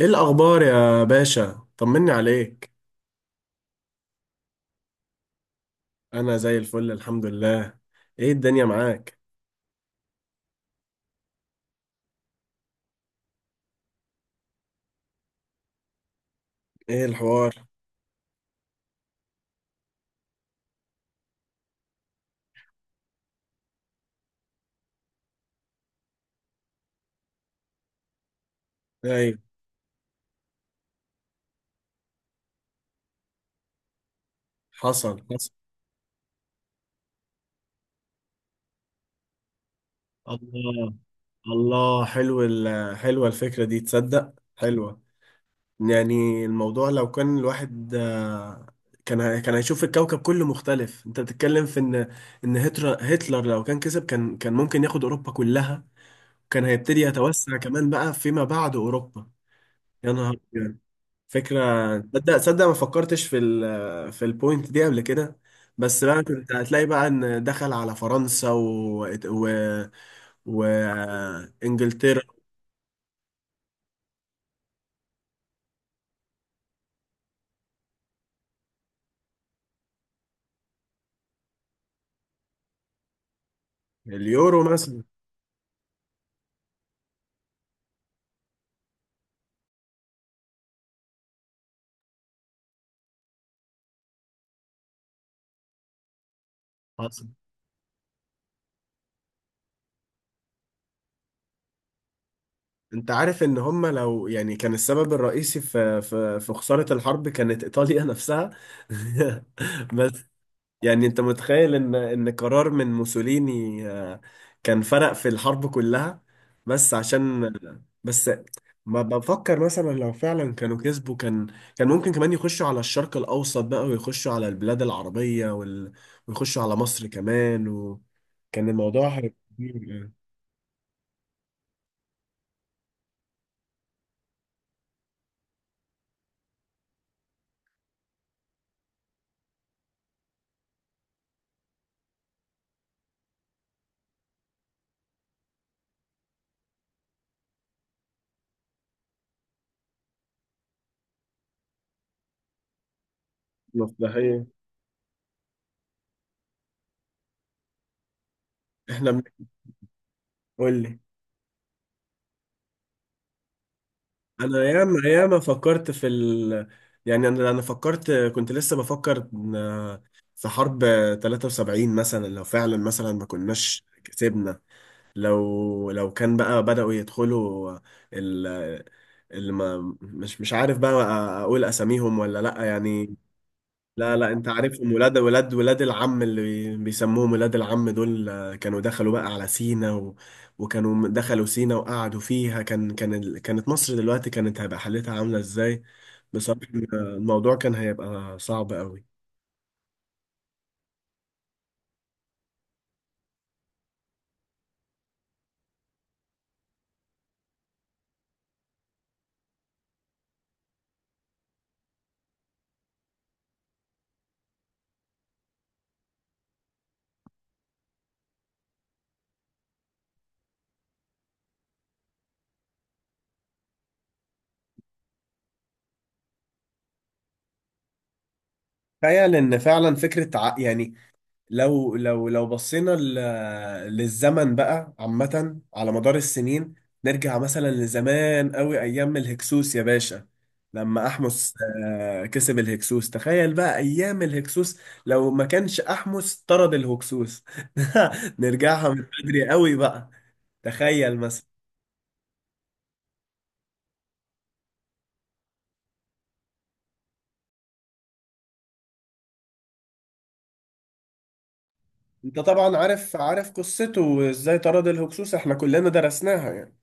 ايه الاخبار يا باشا؟ طمني عليك. انا زي الفل الحمد لله. ايه الدنيا معاك؟ ايه الحوار؟ ايوه. حصل حصل. الله. الله، حلو حلوه الفكره دي، تصدق حلوه. يعني الموضوع لو كان الواحد كان كان هيشوف الكوكب كله مختلف. انت بتتكلم في ان هتلر لو كان كسب كان ممكن ياخد اوروبا كلها، كان هيبتدي يتوسع كمان بقى فيما بعد اوروبا. يا نهار أبيض. فكرة، تصدق ما فكرتش في ال في البوينت دي قبل كده. بس بقى كنت هتلاقي بقى ان دخل على فرنسا و وانجلترا. اليورو مثلا. حصل. انت عارف ان هم لو يعني كان السبب الرئيسي في في خسارة الحرب كانت ايطاليا نفسها. بس يعني انت متخيل ان قرار من موسوليني كان فرق في الحرب كلها؟ بس عشان. بس. ما بفكر مثلا لو فعلا كانوا كسبوا، كان ممكن كمان يخشوا على الشرق الاوسط بقى، ويخشوا على البلاد العربية ويخشوا على مصر كمان، وكان الموضوع هيبقى كبير يعني. مصلحية. احنا بن- قول لي. انا ياما ياما فكرت في يعني انا فكرت، كنت لسه بفكر في حرب 73 مثلا، لو فعلا مثلا ما كناش كسبنا، لو كان بقى بدأوا يدخلوا ال... اللي ما مش مش عارف بقى اقول اساميهم ولا لا يعني. لا لا، انت عارفهم، ولاد ولاد العم اللي بيسموهم ولاد العم دول، كانوا دخلوا بقى على سينا وكانوا دخلوا سينا وقعدوا فيها، كان كانت مصر دلوقتي كانت هيبقى حالتها عاملة ازاي بصراحة؟ الموضوع كان هيبقى صعب قوي. تخيل ان فعلا فكرة يعني، لو بصينا للزمن بقى عامة على مدار السنين، نرجع مثلا لزمان قوي، أيام الهكسوس يا باشا، لما أحمس كسب الهكسوس. تخيل بقى أيام الهكسوس، لو ما كانش أحمس طرد الهكسوس. نرجعها من بدري قوي بقى. تخيل مثلا. أنت طبعا عارف، عارف قصته وإزاي طرد الهكسوس، إحنا كلنا درسناها يعني.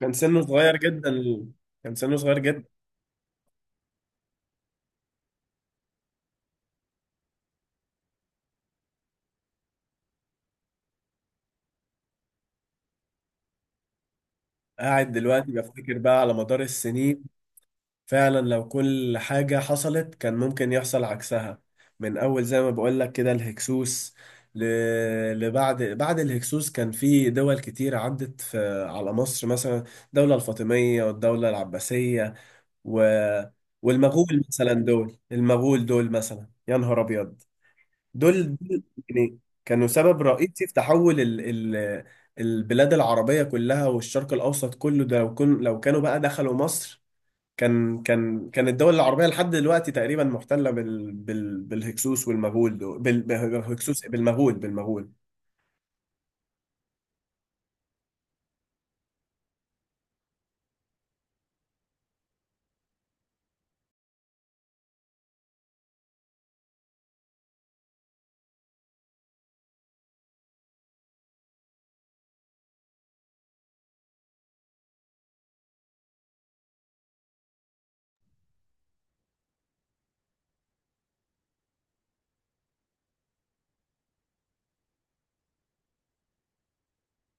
كان سنه صغير جدا، كان سنه صغير جدا. قاعد دلوقتي بفتكر بقى على مدار السنين، فعلا لو كل حاجة حصلت كان ممكن يحصل عكسها. من أول زي ما بقول لك كده الهكسوس ل... لبعد بعد الهكسوس، كان في دول كتير عدت على مصر مثلا، الدولة الفاطمية والدولة العباسية و... والمغول مثلا. دول المغول دول مثلا، يا نهار أبيض. دول دول يعني كانوا سبب رئيسي في تحول ال ال البلاد العربية كلها والشرق الأوسط كله. ده لو لو كانوا بقى دخلوا مصر، كان الدول العربية لحد دلوقتي تقريبا محتلة بالهكسوس والمغول، دول بالهكسوس، بالمغول.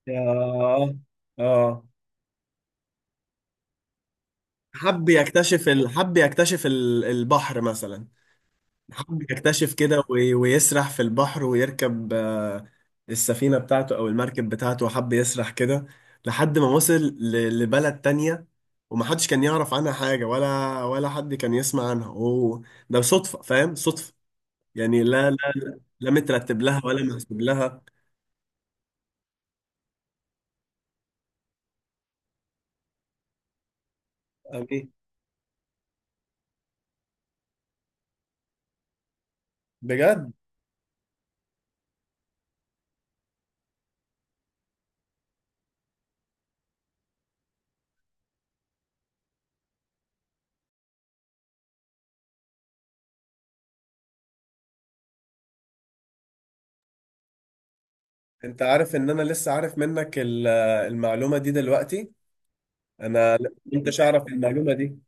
يا. اه. حب يكتشف حب يكتشف البحر مثلا، حب يكتشف كده ويسرح في البحر ويركب السفينة بتاعته أو المركب بتاعته، حب يسرح كده لحد ما وصل لبلد تانية ومحدش كان يعرف عنها حاجة، ولا ولا حد كان يسمع عنها. هو ده صدفة، فاهم؟ صدفة يعني. لا لا، لا مترتب لها ولا محسوب لها. أمين. بجد. انت عارف ان انا لسه عارف منك المعلومة دي دلوقتي؟ انا ما كنتش اعرف المعلومة دي.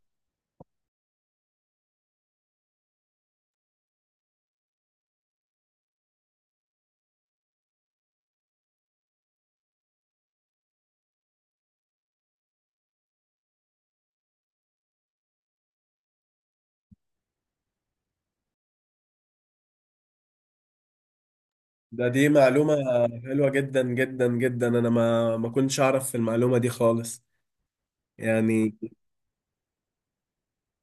ده دي معلومة حلوة جدا جدا جدا، أنا ما كنتش أعرف في المعلومة دي خالص يعني.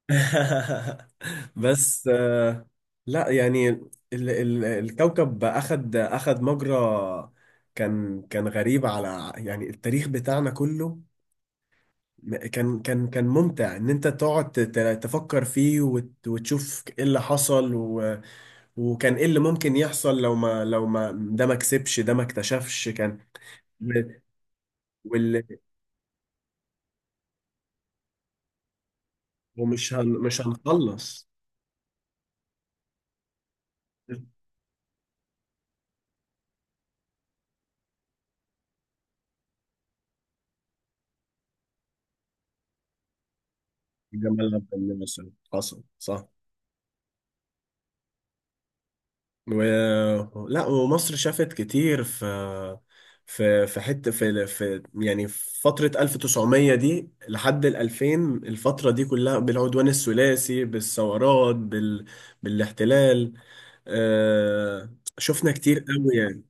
بس لا يعني ال ال الكوكب أخد مجرى كان، كان غريب على يعني التاريخ بتاعنا كله. كان كان ممتع إن أنت تقعد تفكر فيه وتشوف إيه اللي حصل، و وكان إيه اللي ممكن يحصل لو ما لو ما ده ما كسبش، ده ما اكتشفش كان. مش هنخلص. جمال عبد الناصر مثلا حصل صح. و. لا، ومصر شافت كتير في حته في في يعني في فتره 1900 دي لحد ال 2000، الفتره دي كلها بالعدوان الثلاثي بالثورات بالاحتلال. آه... شفنا كتير قوي يعني.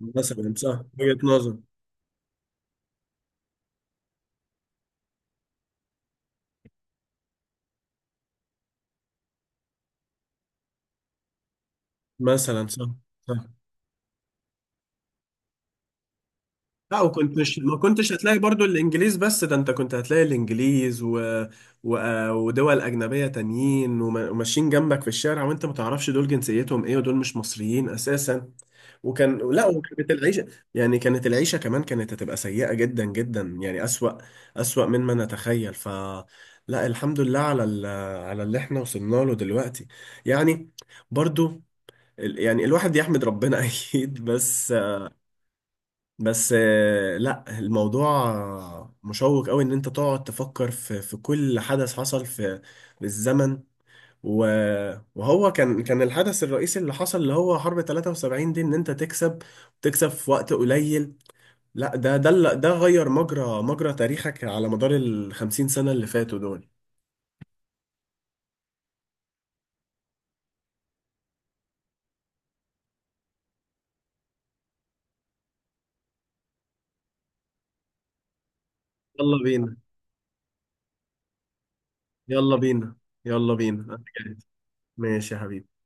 مثلا صح، وجهه نظر. مثلا صح. صح. لا، ما كنتش هتلاقي برضو الانجليز بس، ده انت كنت هتلاقي الانجليز و... ودول اجنبيه تانيين وماشيين جنبك في الشارع وانت ما تعرفش دول جنسيتهم ايه ودول مش مصريين اساسا. وكان لا وكانت العيشه يعني، كانت العيشه كمان كانت هتبقى سيئه جدا جدا، يعني اسوأ، اسوأ مما نتخيل. ف لا، الحمد لله على على اللي احنا وصلنا له دلوقتي يعني. برضو يعني الواحد يحمد ربنا. اكيد. بس بس لا الموضوع مشوق قوي، ان انت تقعد تفكر في في كل حدث حصل في في الزمن، و- وهو كان، كان الحدث الرئيسي اللي حصل اللي هو حرب 73 دي، ان انت تكسب، تكسب في وقت قليل. لا ده ده ده غير مجرى، مجرى تاريخك على مدار ال 50 سنة اللي فاتوا دول. يلا بينا، يلا بينا، يلا بينا أنا جاهز. ماشي يا حبيبي.